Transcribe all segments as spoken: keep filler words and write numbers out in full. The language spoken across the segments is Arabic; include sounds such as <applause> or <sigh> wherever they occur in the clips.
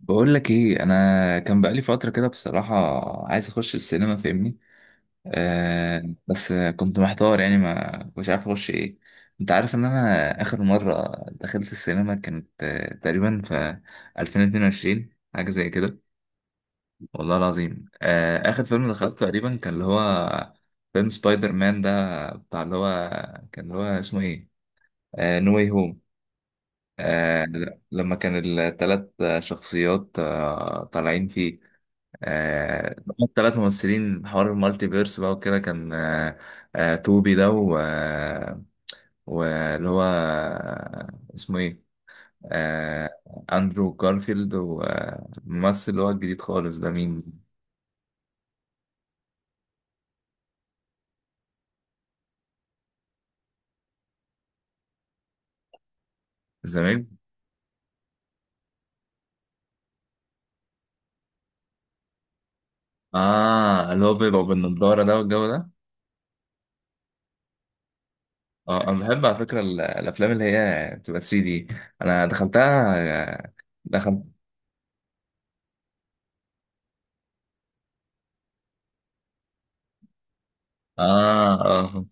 بقول لك ايه، انا كان بقالي فتره كده بصراحه عايز اخش السينما، فاهمني؟ آه بس كنت محتار، يعني ما مش عارف اخش ايه. انت عارف ان انا اخر مره دخلت السينما كانت آه تقريبا في ألفين واتنين وعشرين، حاجه زي كده. والله العظيم آه اخر فيلم دخلته تقريبا كان اللي هو فيلم سبايدر مان ده، بتاع اللي هو، كان اللي هو اسمه ايه، آه نو واي هوم. آه لما كان الثلاث شخصيات آه طالعين فيه، آه، ثلاث ممثلين، حوار المالتي فيرس بقى وكده، كان آه، آه، توبي ده و آه، واللي هو آه، اسمه ايه، آه، اندرو جارفيلد، والممثل اللي هو الجديد خالص ده مين؟ زمان. اه، اللي هو بيبقى بالنضارة ده والجو ده. اه انا بحب على فكرة ال- الافلام اللي هي بتبقى تري دي، انا دخلتها آه، دخلت. اه، اه،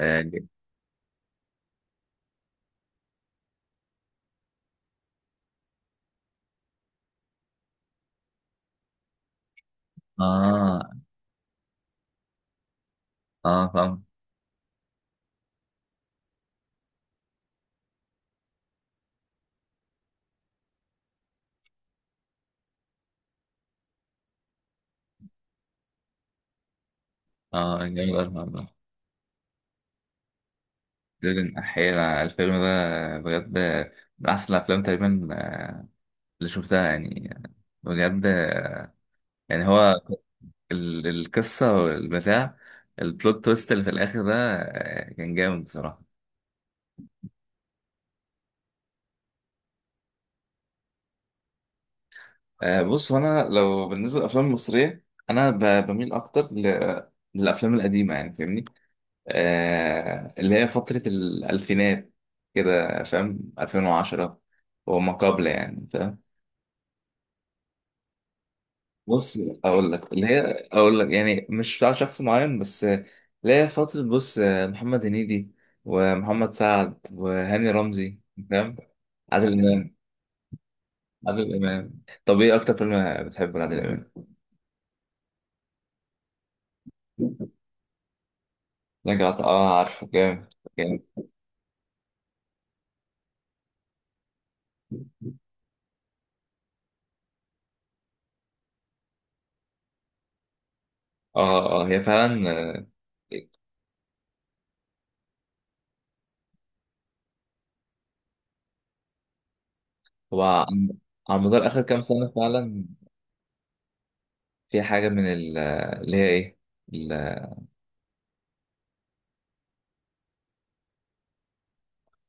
اه، اه، آه، فاهم. اه جامد أوي الحوار ده. ديدن أحيانا الفيلم ده بجد من أحسن الأفلام تقريبا، آه، اللي شفتها يعني بجد. يعني هو ال- القصة والبتاع، البلوت تويست اللي في الآخر ده، آه، كان جامد بصراحة. آه، بص، أنا لو بالنسبة للأفلام المصرية، أنا ب- بميل أكتر ل- للأفلام القديمة، يعني فاهمني، آه، اللي هي فترة الألفينات كده، فاهم؟ ألفين وعشرة وما قبل يعني. بص، اقول لك اللي هي، اقول لك يعني مش بتاع شخص معين، بس اللي هي فتره. بص، محمد هنيدي ومحمد سعد وهاني رمزي، فاهم؟ عادل امام. عادل امام، طب ايه اكتر فيلم بتحبه لعادل امام؟ رجعت، اه عارفه. جامد. جامد. اه، اه، هي فعلا آه، هو عن-، على مدار اخر كام سنه فعلا. في حاجه من ال- اللي هي ايه؟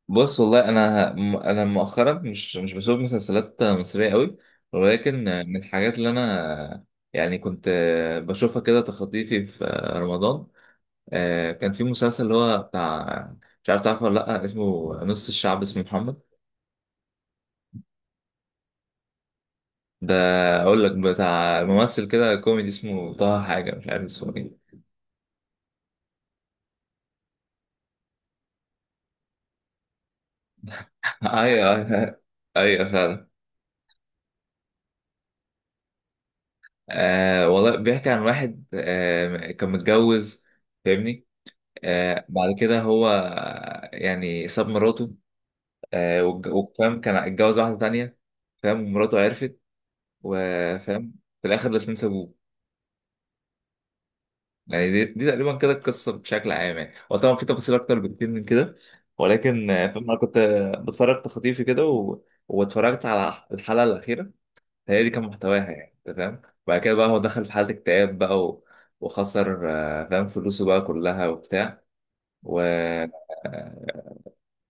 بص والله انا م- انا مؤخرا مش مش بشوف مسلسلات مصريه قوي، ولكن من الحاجات اللي انا يعني كنت بشوفها كده تخطيفي في رمضان، آه، كان في مسلسل اللي هو بتاع، مش عارف تعرفه ولا لا، اسمه نص الشعب اسمه محمد ده. اقول لك بتاع ممثل كده كوميدي اسمه طه، حاجه مش عارف اسمه ايه. <laughs> ايوه ايوه، أيوة فعلا. آه والله بيحكي عن واحد آه كان متجوز، فاهمني؟ آه بعد كده هو يعني ساب مراته آه والج- وفاهم كان اتجوز واحدة تانية، فاهم؟ ومراته عرفت، وفاهم، في الآخر الاتنين سابوه. يعني دي, دي تقريبا كده القصة بشكل عام يعني، هو طبعا في تفاصيل أكتر بكتير من كده، ولكن آه، فاهم أنا كنت آه، بتفرج تخطيفي كده و... واتفرجت على الحلقة الأخيرة، هي دي كان محتواها يعني، أنت فاهم. وبعد كده بقى هو دخل في حالة اكتئاب بقى و... وخسر آه، فاهم فلوسه بقى كلها وبتاع، و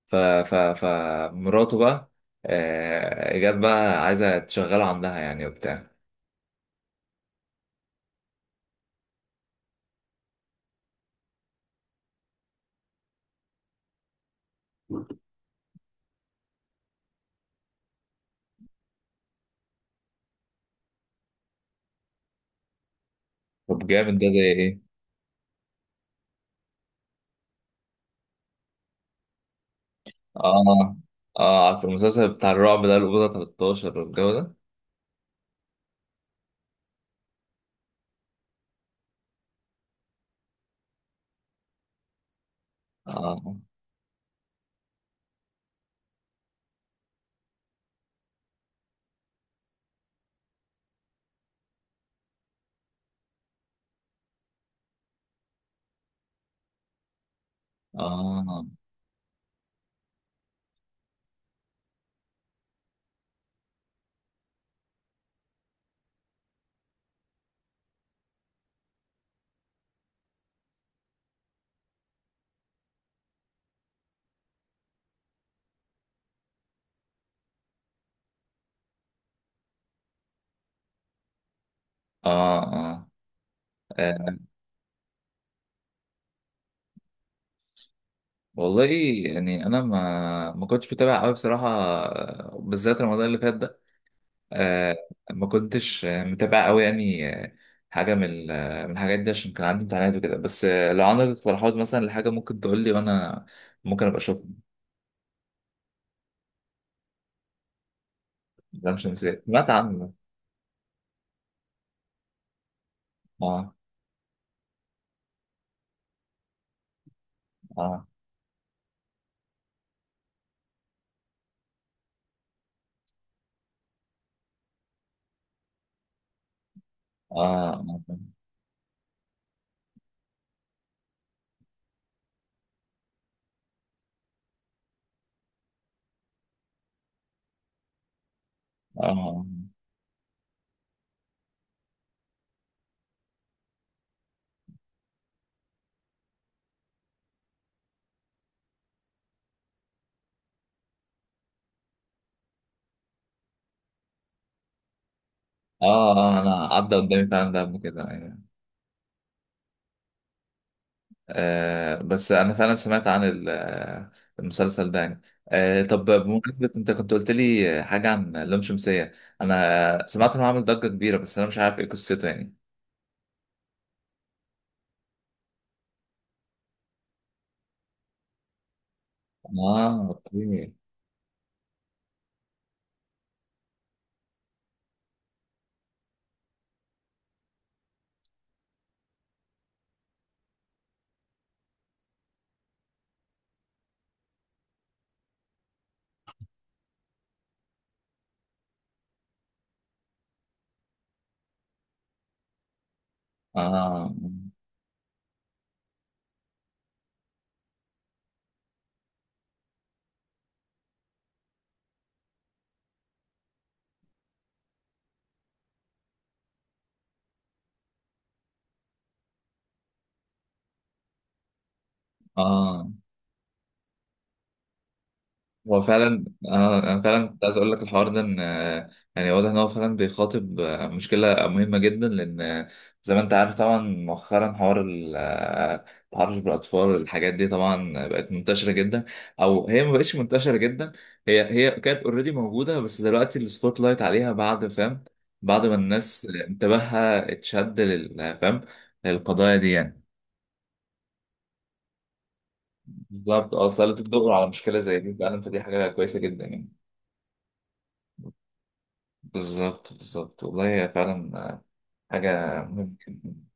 ف ف فمراته بقى آه، جت بقى عايزة تشغله عندها يعني وبتاع. طب جامد، ده زي ايه؟ اه، اه عارف المسلسل بتاع الرعب ده، الأوضة تلتاشر والجو ده؟ اه، اه، اه، اه، آه، والله يعني انا ما ما كنتش بتابع قوي بصراحه، آه، بالذات رمضان اللي فات ده، آه، ما كنتش آه، متابع قوي يعني آه، حاجه من ال- آه، من الحاجات دي، عشان كان عندي امتحانات وكده. بس آه، لو عندك اقتراحات مثلا لحاجه ممكن تقول لي، وانا ممكن ابقى اشوف. لام شمسية، سمعت عنه. اه، اه، اه، اه، اه، اه، آه، آه، انا عدى قدامي فعلا ده قبل كده يعني. آه بس انا فعلا سمعت عن ال- آه، المسلسل ده يعني. آه طب بمناسبة، انت كنت قلت لي حاجة عن لام شمسية، انا سمعت انه عامل ضجة كبيرة، بس انا مش عارف ايه قصته يعني. اه اوكي. اه، اه، هو فعلا. آه انا فعلا كنت عايز اقول لك الحوار ده، ان آه، يعني واضح ان هو فعلا بيخاطب آه، مشكله مهمه جدا، لان آه، زي ما انت عارف طبعا، مؤخرا حوار ال- آه، التحرش بالاطفال، الحاجات دي طبعا بقت منتشره جدا، او هي ما بقتش منتشره جدا، هي هي كانت اوريدي موجوده، بس دلوقتي السبوت لايت عليها بعد، فاهم؟ بعد ما الناس انتباهها اتشد لل- فاهم للقضايا دي يعني. بالظبط، اه، اصل انت بتدور على مشكله زي دي فعلا، فدي حاجه كويسه جدا يعني. بالظبط بالظبط، والله هي فعلا حاجه مهمه جدا.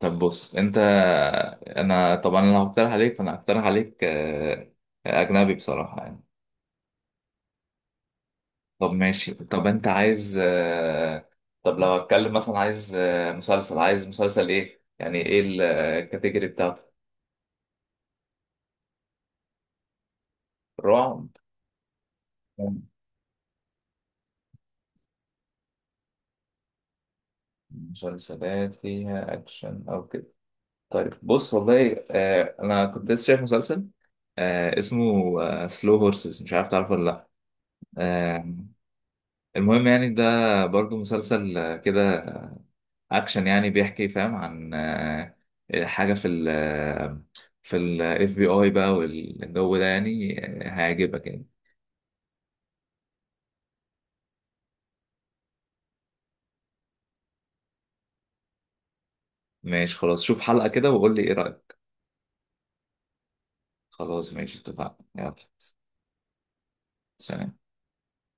طب بص انت، انا طبعا انا هقترح عليك، فانا هقترح عليك آه، اجنبي بصراحه يعني. طب ماشي، طب انت عايز آه، طب لو هتكلم مثلا، عايز آه، مسلسل، عايز مسلسل ايه يعني، ايه الكاتيجوري بتاعته؟ رعب. مسلسلات فيها اكشن او كده. طيب بص والله، آه انا كنت لسه شايف مسلسل آه اسمه سلو هورسز، مش عارف تعرفه ولا لا. آه، المهم يعني ده برضو مسلسل آه، كده اكشن يعني، بيحكي فاهم عن آه حاجه في ال آه، في الاف بي اي بقى والجو ده يعني، آه، هيعجبك يعني. ماشي خلاص، شوف حلقه كده وقول لي ايه رايك. خلاص ماشي، اتفقنا. يلا سلام.